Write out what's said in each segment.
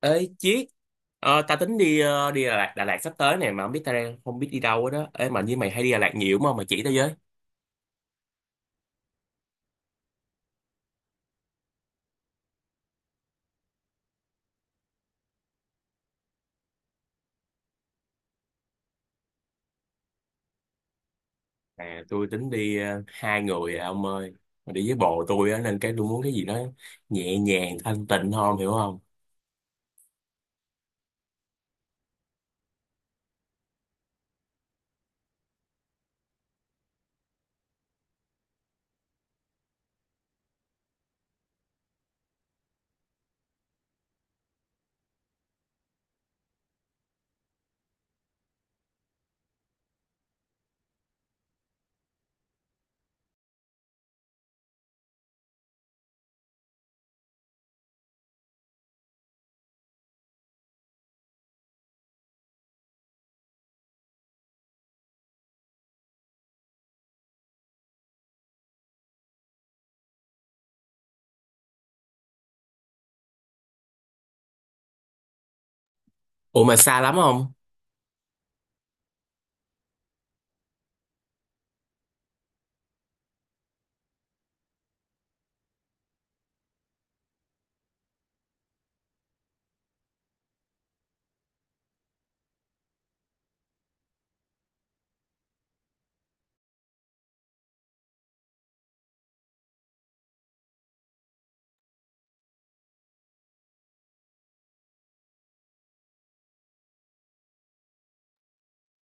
Ê Chiết. Tao tính đi Đà Lạt sắp tới này mà không biết ta đang không biết đi đâu hết đó. Ê, mà như mày hay đi Đà Lạt nhiều mà mày chỉ tao với. À, tôi tính đi hai người à, ông ơi. Mà đi với bồ tôi á nên cái tôi muốn cái gì đó nhẹ nhàng thanh tịnh hơn, hiểu không? Ủa, mà xa lắm không?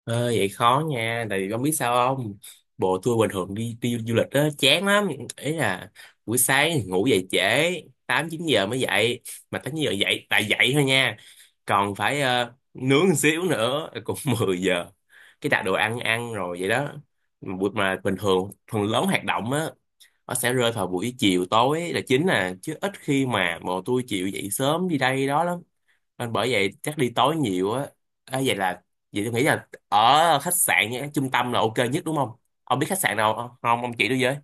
Ờ, vậy khó nha, tại vì con biết sao không? Bộ tour bình thường đi đi du lịch đó chán lắm, ý là buổi sáng ngủ dậy trễ, 8 9 giờ mới dậy, mà 8 9 giờ dậy tại dậy thôi nha. Còn phải nướng một xíu nữa cũng 10 giờ. Cái đặt đồ ăn ăn rồi vậy đó. Buổi mà bình thường phần lớn hoạt động á, nó sẽ rơi vào buổi chiều tối là chính à, chứ ít khi mà bộ tôi chịu dậy sớm đi đây đó lắm, nên bởi vậy chắc đi tối nhiều á. À, vậy tôi nghĩ là ở khách sạn nhé, trung tâm là ok nhất đúng không? Ông biết khách sạn nào không không? Ông chỉ tôi với.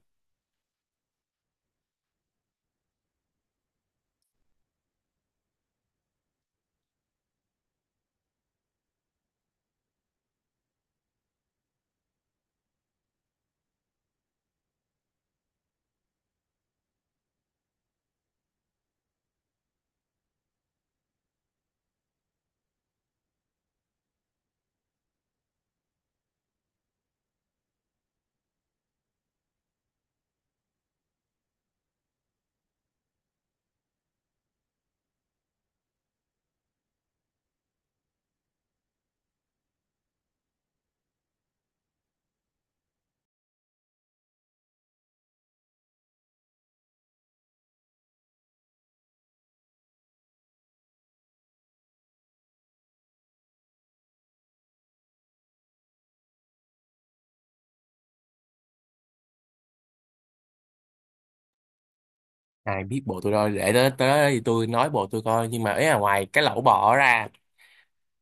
Ai biết bộ tôi đâu, để tới tới đó thì tôi nói bộ tôi coi, nhưng mà ấy là ngoài cái lẩu bò ra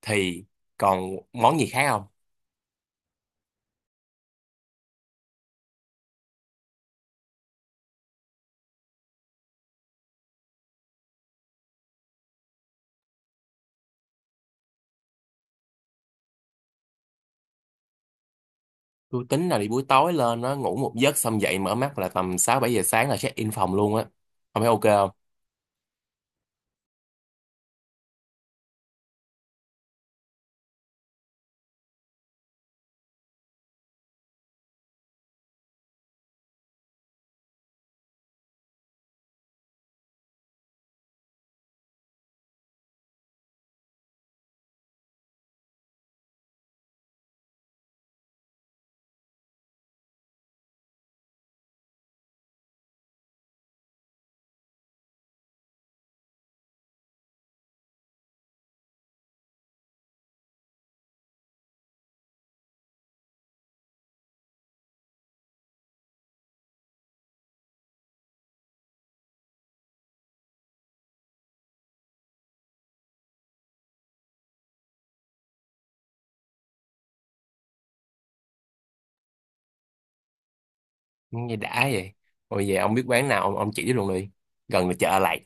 thì còn món gì khác không? Tôi tính là đi buổi tối lên, nó ngủ một giấc xong dậy mở mắt là tầm 6 7 giờ sáng là check in phòng luôn á. Ông thấy ok không? Nghe đã vậy. Rồi về ông biết quán nào ông chỉ tôi luôn đi, gần là chợ lạch.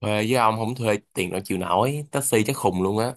Thuê với ông, không thuê tiền đâu chịu nổi, taxi chắc khùng luôn á.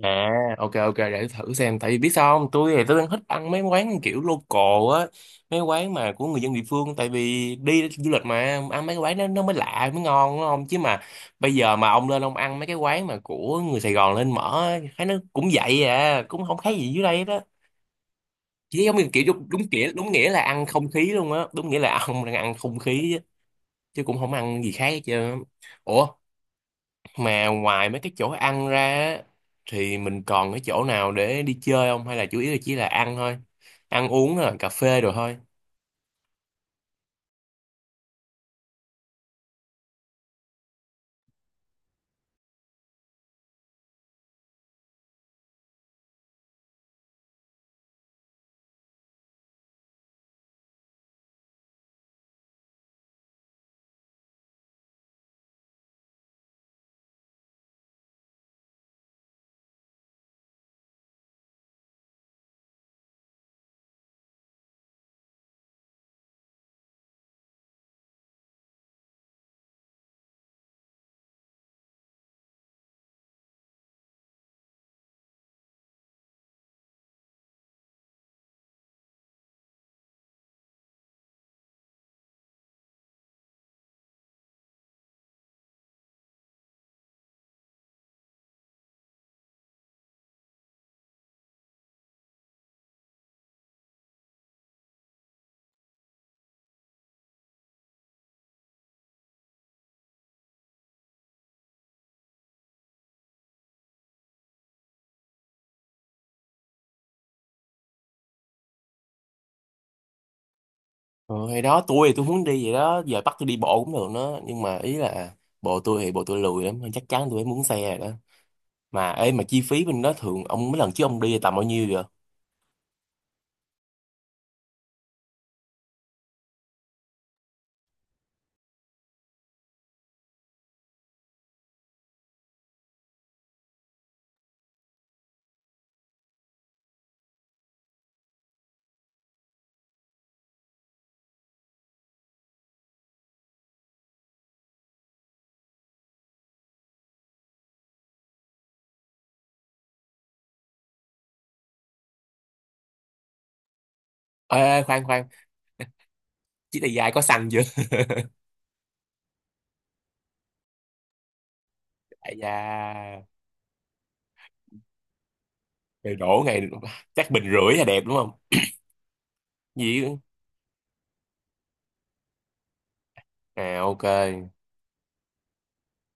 À, ok, ok, để thử xem. Tại vì biết sao không, tôi thì tôi đang thích ăn mấy quán kiểu local á, mấy quán mà của người dân địa phương, tại vì đi du lịch mà ăn mấy cái quán nó mới lạ mới ngon đúng không, chứ mà bây giờ mà ông lên ông ăn mấy cái quán mà của người Sài Gòn lên mở á, thấy nó cũng vậy à, cũng không khác gì dưới đây đó. Chỉ giống như kiểu đúng nghĩa là ăn không khí luôn á, đúng nghĩa là ông đang ăn không khí chứ, chứ cũng không ăn gì khác hết trơn á. Ủa, mà ngoài mấy cái chỗ ăn ra á, thì mình còn cái chỗ nào để đi chơi không? Hay là chủ yếu là chỉ là ăn thôi? Ăn uống là cà phê rồi thôi. Ờ, hay đó, tôi thì tôi muốn đi vậy đó, giờ bắt tôi đi bộ cũng được đó. Nhưng mà ý là bộ tôi thì bộ tôi lười lắm, chắc chắn tôi phải muốn xe rồi đó. Mà ê, mà chi phí bên đó thường ông mấy lần trước ông đi tầm bao nhiêu vậy? Ê, ê, khoan khoan, chiếc này dài có xăng chưa? Đại gia. Đổ ngày chắc bình rưỡi là đẹp đúng không? Gì? À, ok.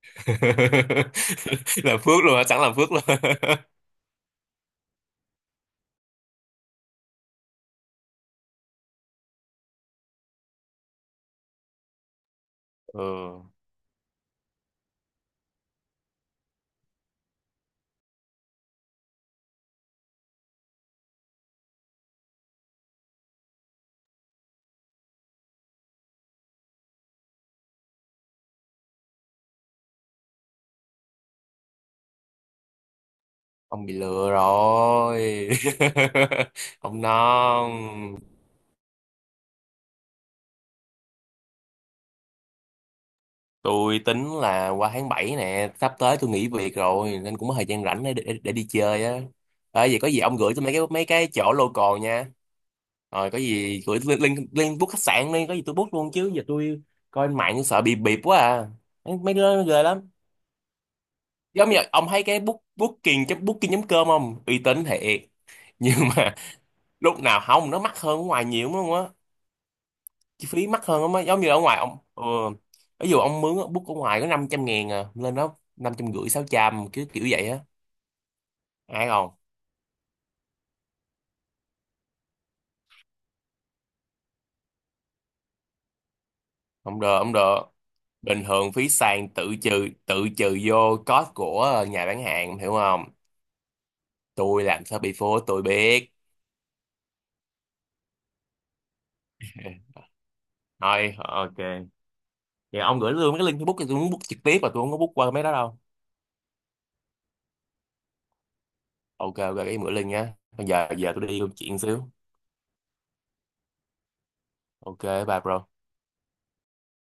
Là phước luôn hả, sẵn làm phước luôn ừ. Ông bị lừa rồi. Ông non. Tôi tính là qua tháng 7 nè, sắp tới tôi nghỉ việc rồi nên cũng có thời gian rảnh để đi chơi á. À, vậy có gì ông gửi tôi mấy cái chỗ local nha. Rồi có gì gửi lên lên lên book khách sạn đi, có gì tôi book luôn, chứ giờ tôi coi trên mạng sợ bị bịp quá à. Mấy mấy đứa nó ghê lắm. Giống như ông thấy cái booking.com không uy tín thiệt, nhưng mà lúc nào không nó mắc hơn ở ngoài nhiều đúng không á? Chi phí mắc hơn lắm á, giống như ở ngoài ông ví dụ ông mướn á, book ở ngoài có 500.000 à, lên đó 550.000 sáu trăm cứ kiểu vậy á. Ai không? Không được, không được. Bình thường phí sàn tự trừ vô cost của nhà bán hàng, hiểu không? Tôi làm sao bị phố tôi biết. Thôi ok. Vậy ông gửi luôn cái link Facebook, thì tôi muốn book trực tiếp mà tôi không có book qua mấy đó đâu. Ok, ok, cái bữa Linh nhá, bây giờ giờ tôi đi công chuyện xíu. Ok, bye bro.